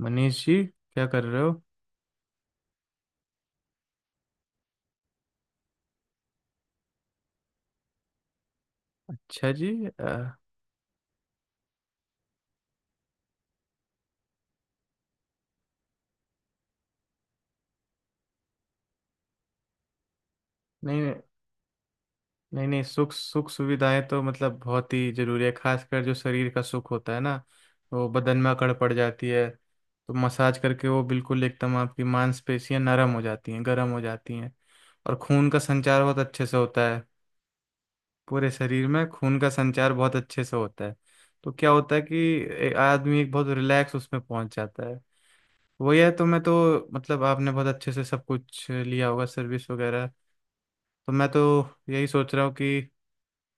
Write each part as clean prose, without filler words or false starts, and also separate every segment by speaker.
Speaker 1: मनीष जी क्या कर रहे हो। अच्छा जी। नहीं नहीं नहीं, सुख सुख सुविधाएं तो मतलब बहुत ही जरूरी है, खासकर जो शरीर का सुख होता है ना। वो बदन में अकड़ पड़ जाती है, तो मसाज करके वो बिल्कुल एकदम आपकी मांसपेशियां नरम हो जाती हैं, गर्म हो जाती हैं, और खून का संचार बहुत अच्छे से होता है। पूरे शरीर में खून का संचार बहुत अच्छे से होता है। तो क्या होता है कि आदमी एक बहुत रिलैक्स उसमें पहुंच जाता है। वही है, तो मैं तो मतलब आपने बहुत अच्छे से सब कुछ लिया होगा, सर्विस वगैरह। तो मैं तो यही सोच रहा हूँ कि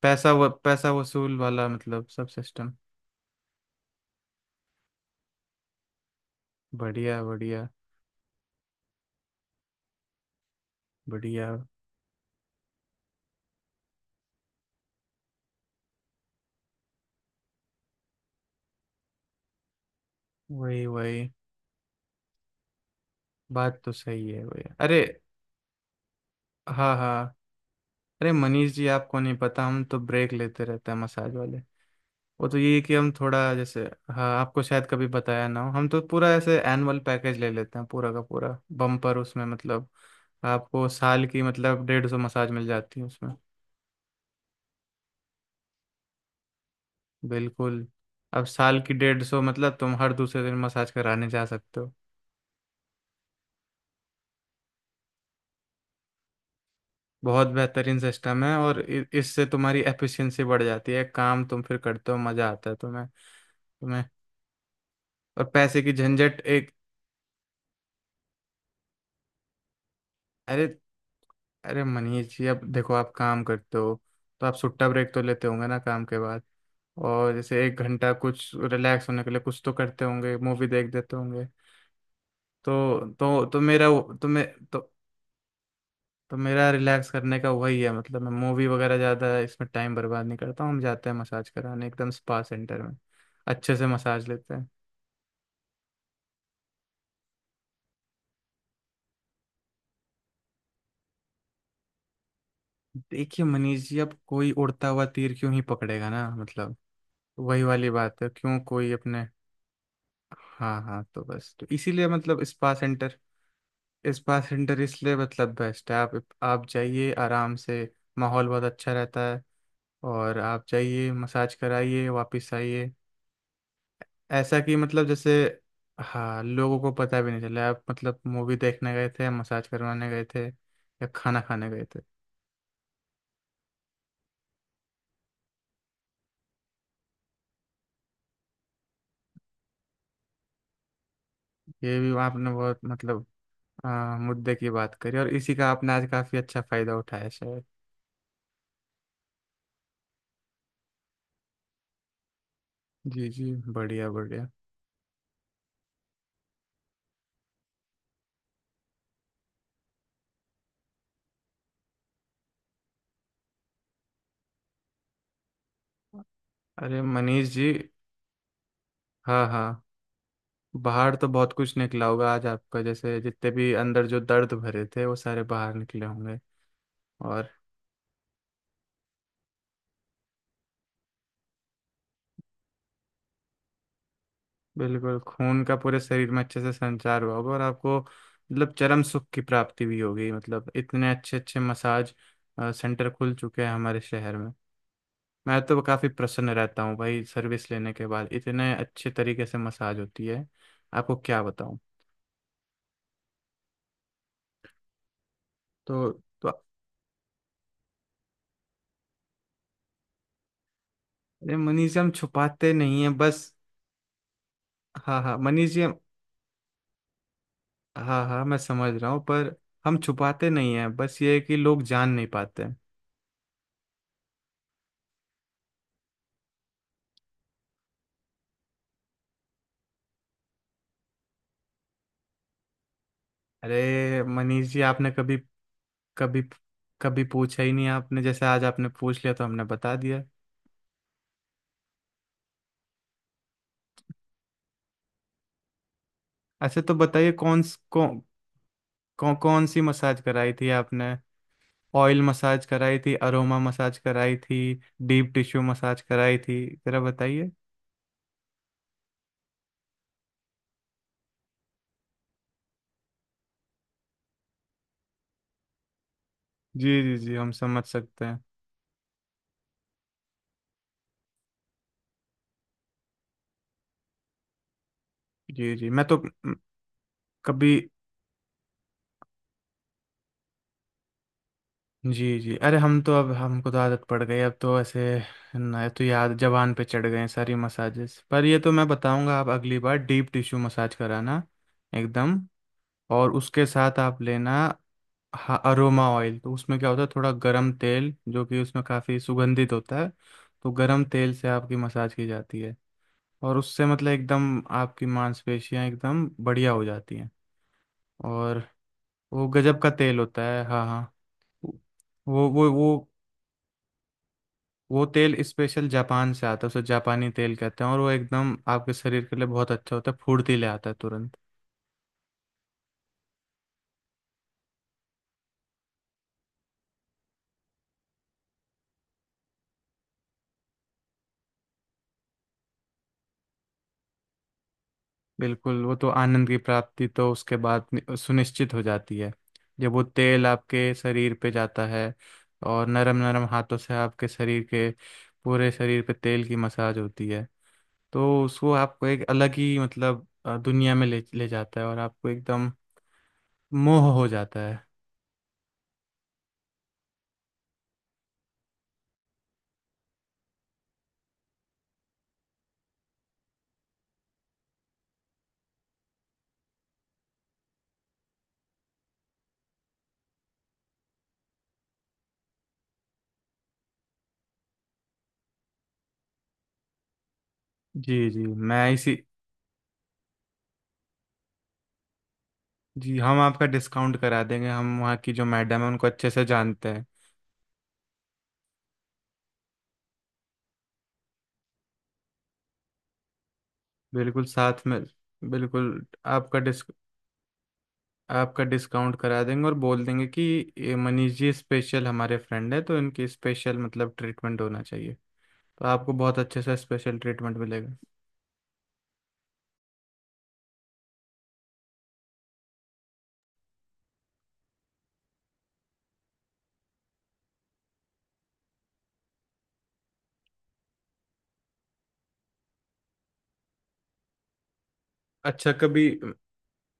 Speaker 1: पैसा वसूल वाला मतलब सब सिस्टम। बढ़िया, बढ़िया, बढ़िया। वही, वही। बात तो सही है, वही। अरे, हाँ हाँ। अरे मनीष जी, आपको नहीं पता, हम तो ब्रेक लेते रहते हैं मसाज वाले। वो तो ये है कि हम थोड़ा जैसे, हाँ, आपको शायद कभी बताया ना हो। हम तो पूरा ऐसे एनुअल पैकेज ले लेते हैं पूरा का पूरा बम्पर, उसमें मतलब आपको साल की मतलब 150 मसाज मिल जाती है उसमें। बिल्कुल। अब साल की 150 मतलब तुम हर दूसरे दिन मसाज कराने जा सकते हो। बहुत बेहतरीन सिस्टम है, और इससे तुम्हारी एफिशिएंसी बढ़ जाती है, काम तुम फिर करते हो मजा आता है तुम्हें। तुम्हें और पैसे की झंझट एक, अरे, अरे मनीष जी अब देखो, आप काम करते हो तो आप सुट्टा ब्रेक तो लेते होंगे ना काम के बाद, और जैसे एक घंटा कुछ रिलैक्स होने के लिए कुछ तो करते होंगे, मूवी देख देते होंगे। तो मेरा तो मैं तो मेरा रिलैक्स करने का वही है, मतलब मैं मूवी वगैरह ज़्यादा इसमें टाइम बर्बाद नहीं करता हूँ। हम जाते हैं मसाज कराने एकदम स्पा सेंटर में, अच्छे से मसाज लेते हैं। देखिए मनीष जी, अब कोई उड़ता हुआ तीर क्यों ही पकड़ेगा ना, मतलब वही वाली बात है, क्यों कोई अपने। हाँ हाँ, तो बस तो इसीलिए मतलब स्पा सेंटर इसलिए मतलब बेस्ट है। आप जाइए आराम से, माहौल बहुत अच्छा रहता है, और आप जाइए मसाज कराइए वापस आइए। ऐसा कि मतलब जैसे, हाँ लोगों को पता भी नहीं चला आप मतलब मूवी देखने गए थे, मसाज करवाने गए थे, या खाना खाने गए थे। ये भी आपने बहुत मतलब मुद्दे की बात करी, और इसी का आपने आज काफ़ी अच्छा फायदा उठाया शायद। जी जी, बढ़िया बढ़िया। अरे मनीष जी, हाँ हाँ। बाहर तो बहुत कुछ निकला होगा आज आपका, जैसे जितने भी अंदर जो दर्द भरे थे वो सारे बाहर निकले होंगे। और बिल्कुल, खून का पूरे शरीर में अच्छे से संचार हुआ होगा, और आपको मतलब चरम सुख की प्राप्ति भी होगी, मतलब इतने अच्छे अच्छे मसाज सेंटर खुल चुके हैं हमारे शहर में। मैं तो काफ़ी प्रसन्न रहता हूँ भाई, सर्विस लेने के बाद इतने अच्छे तरीके से मसाज होती है, आपको क्या बताऊँ। तो, तो, अरे मनीष जी, हम छुपाते नहीं है बस। हाँ हाँ मनीष जी, हाँ हाँ, मैं समझ रहा हूँ, पर हम छुपाते नहीं हैं, बस ये है कि लोग जान नहीं पाते हैं। अरे मनीष जी, आपने कभी, कभी कभी पूछा ही नहीं आपने, जैसे आज आपने पूछ लिया तो हमने बता दिया। ऐसे तो बताइए, कौन कौन कौन सी मसाज कराई थी आपने? ऑयल मसाज कराई थी? अरोमा मसाज कराई थी? डीप टिश्यू मसाज कराई थी? जरा बताइए। जी जी जी, हम समझ सकते हैं। जी जी मैं तो कभी, जी जी, अरे हम तो, अब हमको तो आदत पड़ गई अब, तो ऐसे ना तो याद जबान पे चढ़ गए हैं सारी मसाजेस। पर ये तो मैं बताऊंगा, आप अगली बार डीप टिश्यू मसाज कराना एकदम, और उसके साथ आप लेना हाँ अरोमा ऑयल। तो उसमें क्या होता है, थोड़ा गरम तेल जो कि उसमें काफ़ी सुगंधित होता है, तो गरम तेल से आपकी मसाज की जाती है, और उससे मतलब एकदम आपकी मांसपेशियां एकदम बढ़िया हो जाती हैं। और वो गजब का तेल होता है। हाँ हाँ। वो वो वो वो तेल स्पेशल जापान से आता है, उसे जापानी तेल कहते हैं, और वो एकदम आपके शरीर के लिए बहुत अच्छा होता है, फुर्तीले आता है तुरंत। बिल्कुल, वो तो आनंद की प्राप्ति तो उसके बाद सुनिश्चित हो जाती है। जब वो तेल आपके शरीर पे जाता है और नरम नरम हाथों से आपके शरीर के पूरे शरीर पे तेल की मसाज होती है, तो उसको आपको एक अलग ही मतलब दुनिया में ले ले जाता है, और आपको एकदम मोह हो जाता है। जी जी मैं इसी, जी, हम आपका डिस्काउंट करा देंगे, हम वहाँ की जो मैडम है उनको अच्छे से जानते हैं। बिल्कुल साथ में। बिल्कुल। आपका डिस आपका डिस्काउंट करा देंगे, और बोल देंगे कि ये मनीष जी स्पेशल हमारे फ्रेंड है, तो इनकी स्पेशल मतलब ट्रीटमेंट होना चाहिए, तो आपको बहुत अच्छे से स्पेशल ट्रीटमेंट मिलेगा। अच्छा कभी,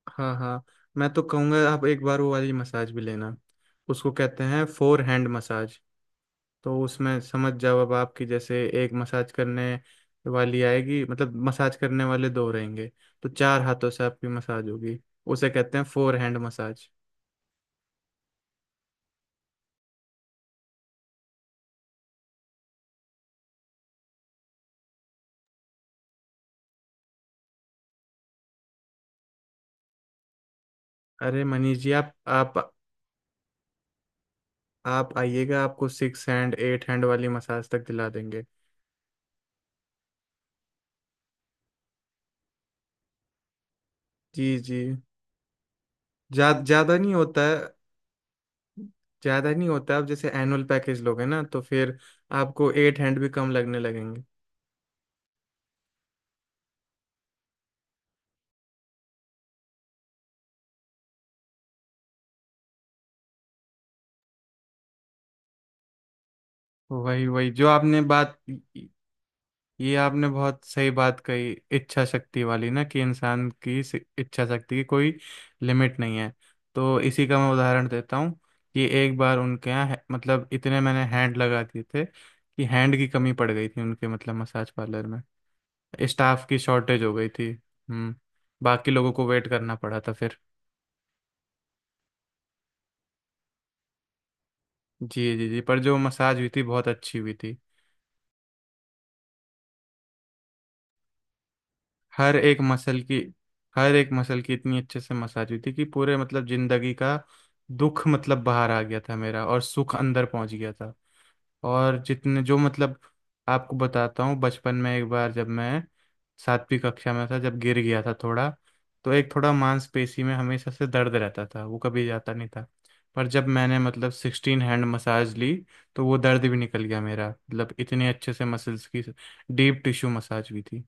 Speaker 1: हाँ हाँ, मैं तो कहूँगा आप एक बार वो वाली मसाज भी लेना, उसको कहते हैं 4 हैंड मसाज। तो उसमें समझ जाओ, अब आपकी जैसे एक मसाज करने वाली आएगी, मतलब मसाज करने वाले दो रहेंगे, तो 4 हाथों से आपकी मसाज होगी, उसे कहते हैं 4 हैंड मसाज। अरे मनीष जी, आप आप आइएगा, आपको 6 हैंड 8 हैंड वाली मसाज तक दिला देंगे। जी जी, ज्यादा नहीं होता है। ज्यादा नहीं होता है। आप जैसे एनुअल पैकेज लोगे ना, तो फिर आपको 8 हैंड भी कम लगने लगेंगे। वही वही जो आपने बात, ये आपने बहुत सही बात कही, इच्छा शक्ति वाली, ना कि इंसान की इच्छा शक्ति की कोई लिमिट नहीं है। तो इसी का मैं उदाहरण देता हूँ कि एक बार उनके यहाँ मतलब इतने मैंने हैंड लगा दिए थे कि हैंड की कमी पड़ गई थी उनके मतलब मसाज पार्लर में, स्टाफ की शॉर्टेज हो गई थी। हम्म, बाकी लोगों को वेट करना पड़ा था फिर। जी जी जी, पर जो मसाज हुई थी बहुत अच्छी हुई थी। हर एक मसल की हर एक मसल की इतनी अच्छे से मसाज हुई थी कि पूरे मतलब जिंदगी का दुख मतलब बाहर आ गया था मेरा, और सुख अंदर पहुंच गया था, और जितने जो मतलब आपको बताता हूँ। बचपन में एक बार जब मैं सातवीं कक्षा में था, जब गिर गया था थोड़ा, तो एक थोड़ा मांसपेशी में हमेशा से दर्द रहता था वो कभी जाता नहीं था। पर जब मैंने मतलब 16 हैंड मसाज ली, तो वो दर्द भी निकल गया मेरा, मतलब इतने अच्छे से मसल्स की डीप टिश्यू मसाज हुई थी।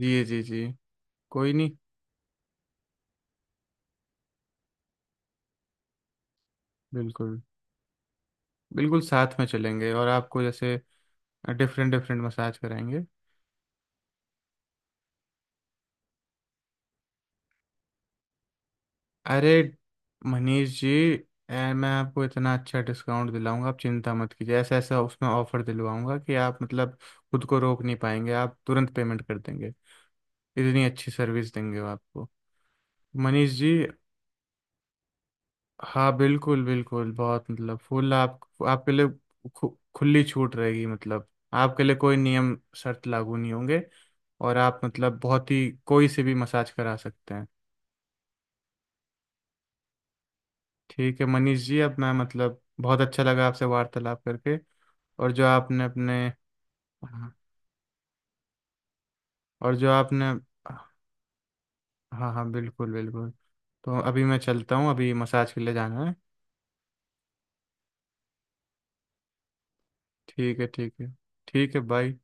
Speaker 1: जी जी जी, कोई नहीं, बिल्कुल। बिल्कुल साथ में चलेंगे और आपको जैसे डिफरेंट डिफरेंट मसाज कराएंगे। अरे मनीष जी, मैं आपको इतना अच्छा डिस्काउंट दिलाऊंगा, आप चिंता मत कीजिए, ऐसा ऐसा उसमें ऑफर दिलवाऊंगा कि आप मतलब खुद को रोक नहीं पाएंगे, आप तुरंत पेमेंट कर देंगे, इतनी अच्छी सर्विस देंगे वो आपको। मनीष जी, हाँ बिल्कुल बिल्कुल, बहुत मतलब फुल आप, आपके लिए खु, खुली छूट रहेगी, मतलब आपके लिए कोई नियम शर्त लागू नहीं होंगे, और आप मतलब बहुत ही कोई से भी मसाज करा सकते हैं। ठीक है मनीष जी, अब मैं मतलब बहुत अच्छा लगा आपसे वार्तालाप करके, और जो आपने अपने, हाँ, और जो आपने, हाँ हाँ बिल्कुल बिल्कुल। तो अभी मैं चलता हूँ, अभी मसाज के लिए जाना है। ठीक है ठीक है, ठीक है बाय।